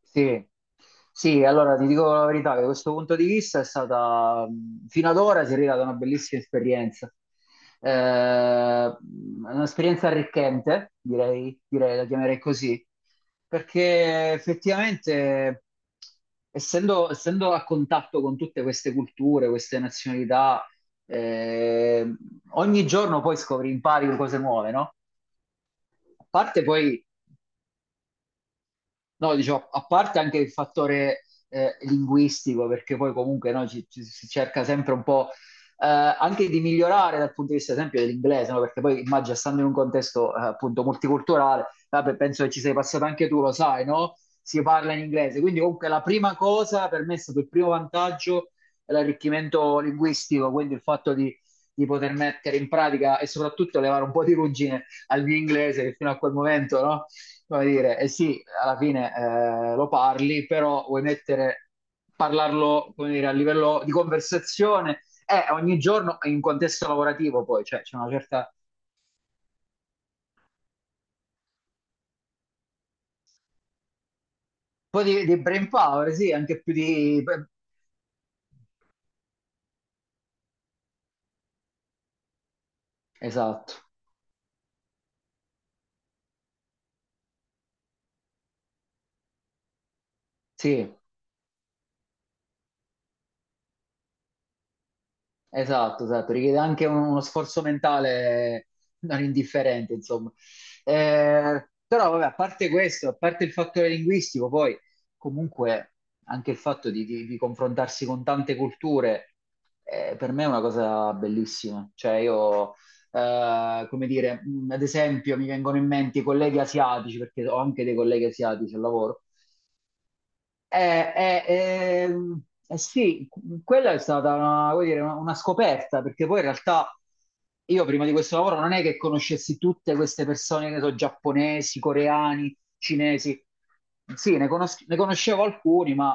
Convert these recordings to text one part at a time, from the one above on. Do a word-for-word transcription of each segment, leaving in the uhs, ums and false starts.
Sì, sì, allora ti dico la verità che da questo punto di vista è stata, mh, fino ad ora si è arrivata una bellissima esperienza. Eh, mh, un'esperienza arricchente, direi, direi, la chiamerei così, perché effettivamente essendo, essendo a contatto con tutte queste culture, queste nazionalità, eh, ogni giorno poi scopri, impari cose nuove, no? A parte poi no, diciamo, a parte anche il fattore eh, linguistico, perché poi comunque no, ci- ci- si cerca sempre un po' eh, anche di migliorare dal punto di vista, ad esempio, dell'inglese, no? Perché poi immagino, stando in un contesto eh, appunto multiculturale, vabbè, penso che ci sei passato anche tu, lo sai, no? Si parla in inglese, quindi comunque la prima cosa per me è stato il primo vantaggio è l'arricchimento linguistico, quindi il fatto di, di poter mettere in pratica e soprattutto levare un po' di ruggine al mio inglese che fino a quel momento, no? Come dire, eh sì, alla fine eh, lo parli, però vuoi mettere, parlarlo, come dire, a livello di conversazione, eh, ogni giorno in contesto lavorativo poi, cioè c'è una certa, un po' di, di brain power, sì, anche più di... Esatto, sì. Esatto, esatto, richiede anche un- uno sforzo mentale non indifferente, insomma. Eh, però, vabbè, a parte questo, a parte il fattore linguistico, poi comunque anche il fatto di, di- di confrontarsi con tante culture, eh, per me è una cosa bellissima. Cioè, io, eh, come dire, mh, ad esempio, mi vengono in mente i colleghi asiatici, perché ho anche dei colleghi asiatici al lavoro, eh, eh, ehm, eh sì, quella è stata una, vuol dire, una- una scoperta, perché poi in realtà io prima di questo lavoro non è che conoscessi tutte queste persone, che so, giapponesi, coreani, cinesi. Sì, ne, conos- ne conoscevo alcuni, ma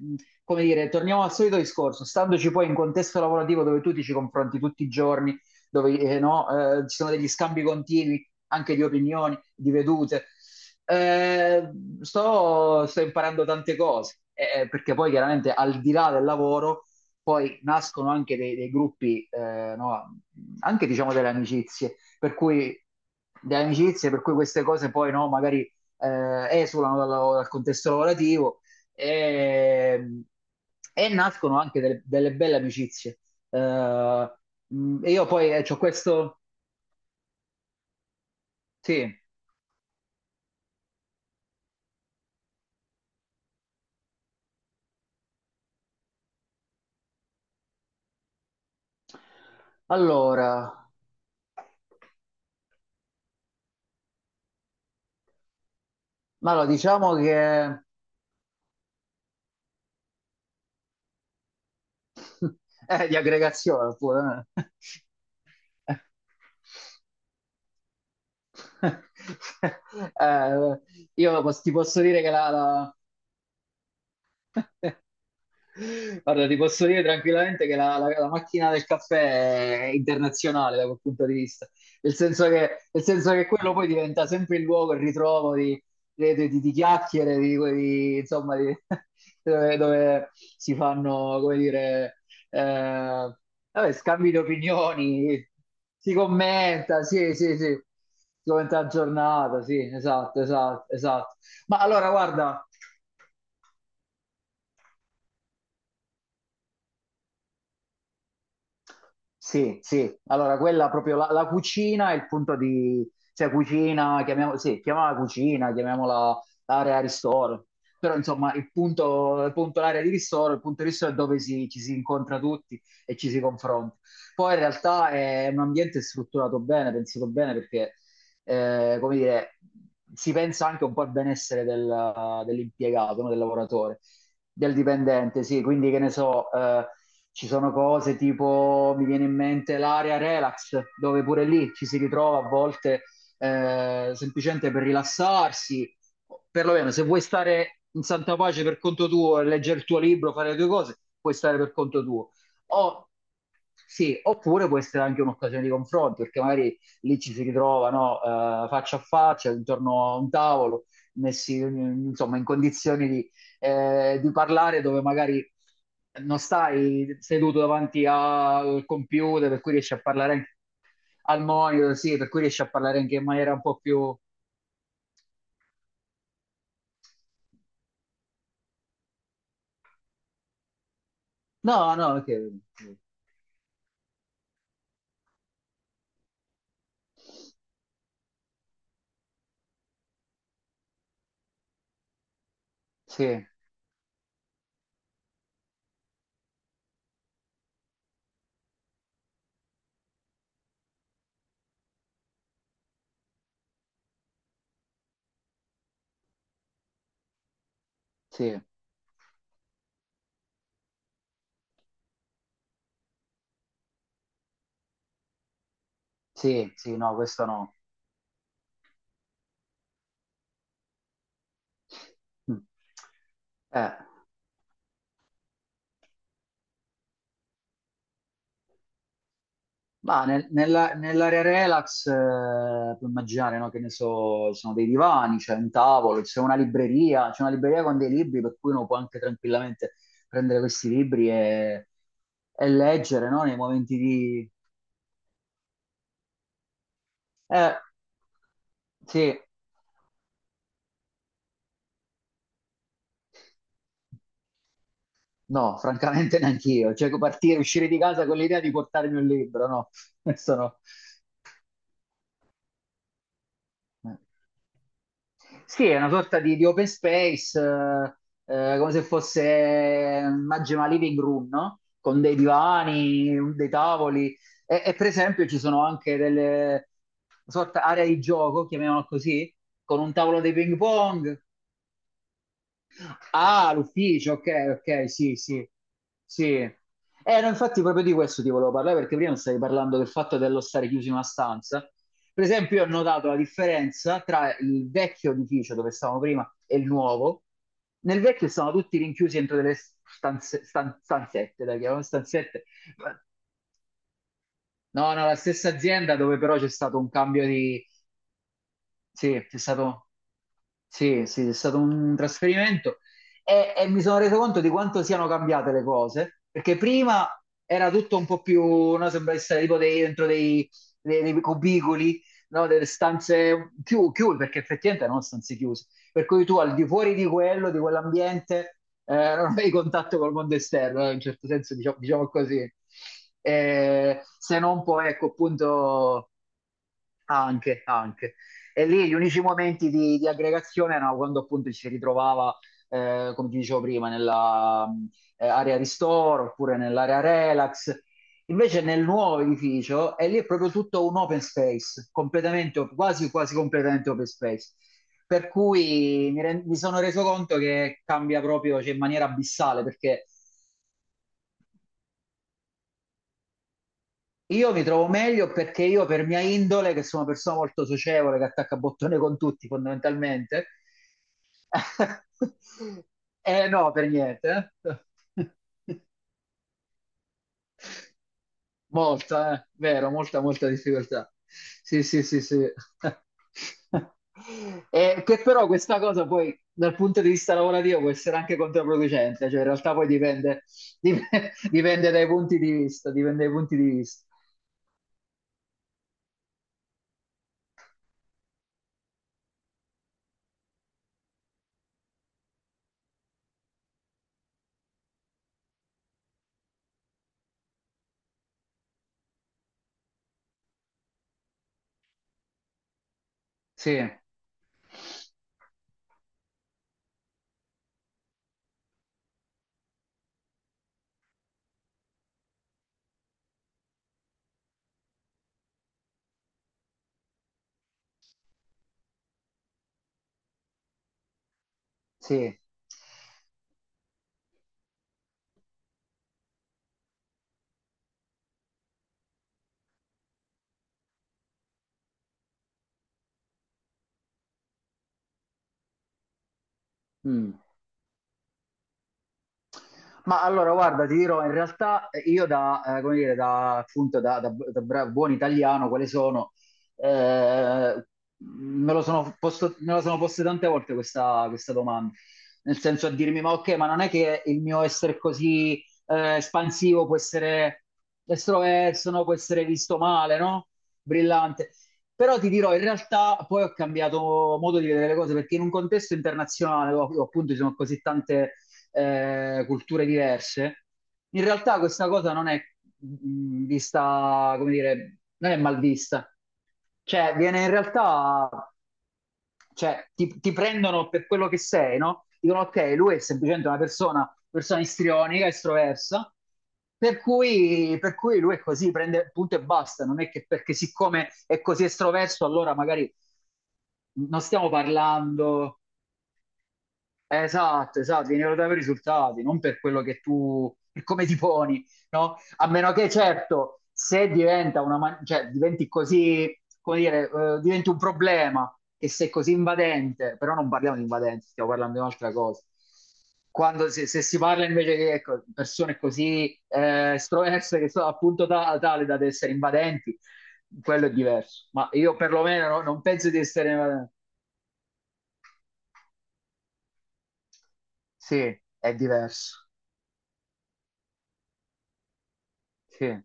mh, come dire, torniamo al solito discorso, standoci poi in contesto lavorativo dove tu ti ci confronti tutti i giorni, dove eh, no, eh, ci sono degli scambi continui, anche di opinioni, di vedute. Eh, sto, sto imparando tante cose, eh, eh, perché poi chiaramente al di là del lavoro poi nascono anche dei, dei gruppi, eh, no, anche diciamo delle amicizie, per cui delle amicizie, per cui queste cose poi no, magari eh, esulano dal, lav- dal contesto lavorativo e, e nascono anche delle, delle belle amicizie. Eh, mh, e io poi ho questo, sì. Allora, ma allora, diciamo che è di aggregazione pure. eh. Eh, io pos- ti posso dire che la, la- guarda, ti posso dire tranquillamente che la, la- la macchina del caffè è internazionale da quel punto di vista, nel senso che, nel senso che quello poi diventa sempre il luogo, il ritrovo di, di- di- di chiacchiere, di, di- insomma, di- dove, dove si fanno, come dire, eh, vabbè, scambi di opinioni, si commenta, sì, sì, sì, si commenta la giornata, sì, esatto, esatto, esatto. Ma allora, guarda. Sì, sì, allora quella proprio la, la cucina è il punto di, cioè cucina, chiamiamola, sì, chiamiamola cucina, chiamiamola area ristoro, però insomma il punto, il punto, l'area di ristoro, il punto di ristoro è dove si- ci si incontra tutti e ci si confronta. Poi in realtà è un ambiente strutturato bene, pensato bene perché, eh, come dire, si pensa anche un po' al benessere del- dell'impiegato, no. Del lavoratore del dipendente, sì, quindi che ne so, eh, ci sono cose tipo, mi viene in mente l'area relax, dove pure lì ci si ritrova a volte eh, semplicemente per rilassarsi, perlomeno se vuoi stare in santa pace per conto tuo, leggere il tuo libro, fare le tue cose, puoi stare per conto tuo. O Sì, oppure può essere anche un'occasione di confronto, perché magari lì ci si ritrova, no, eh, faccia a faccia, intorno a un tavolo, messi, mm, insomma, in condizioni di, eh, di parlare dove magari non stai seduto davanti al computer, per cui riesci a parlare anche al monitor, sì, per cui riesci a parlare anche in maniera un po' più... No, no, perché... Sì, sì, sì, sì, no, questo no. Mm. Eh. Ma nel- nella- nell'area relax eh, puoi immaginare, no. Che ne so, ci sono dei divani, c'è un tavolo, c'è una libreria, c'è una libreria con dei libri per cui uno può anche tranquillamente prendere questi libri e, e leggere, no? Nei momenti di... Eh, sì, no, francamente neanch'io. Cioè, partire, uscire di casa con l'idea di portarmi un libro, no? Questo no. Sì, è una sorta di, di open space, eh, eh, come se fosse Magema Living Room, no? Con dei divani, dei tavoli e, e per esempio ci sono anche delle sorta area di gioco, chiamiamola così, con un tavolo di ping pong. Ah, l'ufficio, ok, ok, sì, sì, sì. Eh, no, infatti proprio di questo ti volevo parlare perché prima stavi parlando del fatto dello stare chiusi in una stanza. Per esempio, io ho notato la differenza tra il vecchio edificio dove stavamo prima e il nuovo. Nel vecchio stavano tutti rinchiusi dentro delle stanze- stan- stanzette, dai, chiamavano stanzette. No, no, la stessa azienda dove però c'è stato un cambio di... Sì, c'è stato... Sì, sì, è stato un trasferimento e, e mi sono reso conto di quanto siano cambiate le cose, perché prima era tutto un po' più, no, sembra essere tipo dei- dentro dei, dei- dei cubicoli, no, delle stanze chiu- chiuse, perché effettivamente erano stanze chiuse, per cui tu al di fuori di quello, di quell'ambiente, eh, non avevi contatto col mondo esterno, eh, in un certo senso, diciamo, diciamo così. Eh, se non poi, ecco, appunto anche, anche. E lì gli unici momenti di, di aggregazione erano quando appunto ci si ritrovava, eh, come ti dicevo prima, nella mh, eh, area ristoro oppure nell'area relax. Invece nel nuovo edificio, e lì è proprio tutto un open space, completamente, op- quasi, quasi completamente open space. Per cui mi, ren- mi sono reso conto che cambia proprio, cioè, in maniera abissale, perché io mi trovo meglio perché io, per mia indole, che sono una persona molto socievole, che attacca bottone con tutti fondamentalmente, eh no, per niente, eh. Molta, eh. Vero, molta, molta difficoltà. Sì, sì, sì, sì. Eh, che però questa cosa poi dal punto di vista lavorativo può essere anche controproducente, cioè in realtà poi dipende, dipende, dipende dai punti di vista, dipende dai punti di vista. Sì, sì. Mm. Ma allora, guarda, ti dirò, in realtà eh, io da, eh, come dire, da, appunto, da, da- da bra- buon italiano, quale sono, eh, me lo sono posto, me lo sono posto tante volte questa, questa domanda, nel senso a dirmi, ma ok, ma non è che il mio essere così eh, espansivo può essere estroverso, no? Può essere visto male, no? Brillante. Però ti dirò, in realtà poi ho cambiato modo di vedere le cose perché in un contesto internazionale, dove appunto ci sono così tante eh, culture diverse, in realtà questa cosa non è mh, vista, come dire, non è mal vista. Cioè, viene in realtà, cioè, ti, ti prendono per quello che sei, no? Dicono, ok, lui è semplicemente una persona, persona istrionica, estroversa, per cui, per cui lui è così, prende punto e basta. Non è che perché siccome è così estroverso, allora magari non stiamo parlando. Esatto, esatto, vieni valutato per i risultati, non per quello che tu, per come ti poni, no? A meno che, certo, se diventa una, ma- cioè, diventi così, come dire, eh, diventi un problema, che sei così invadente, però non parliamo di invadenti, stiamo parlando di un'altra cosa. Quando, se, se si parla invece di ecco, persone così eh, estroverse che sono appunto ta- tale da essere invadenti, quello è diverso. Ma io perlomeno no- non penso di essere invadente. Sì, è diverso. Sì.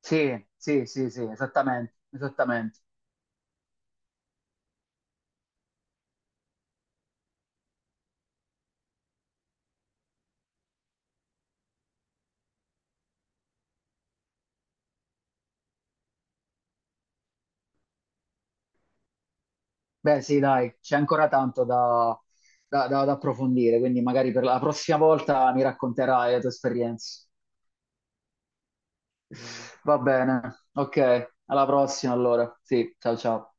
Sì, sì, sì, sì, esattamente, esattamente. Beh, sì, dai, c'è ancora tanto da, da- da- da approfondire, quindi magari per la prossima volta mi racconterai le tue esperienze. Va bene, ok, alla prossima allora. Sì, ciao ciao.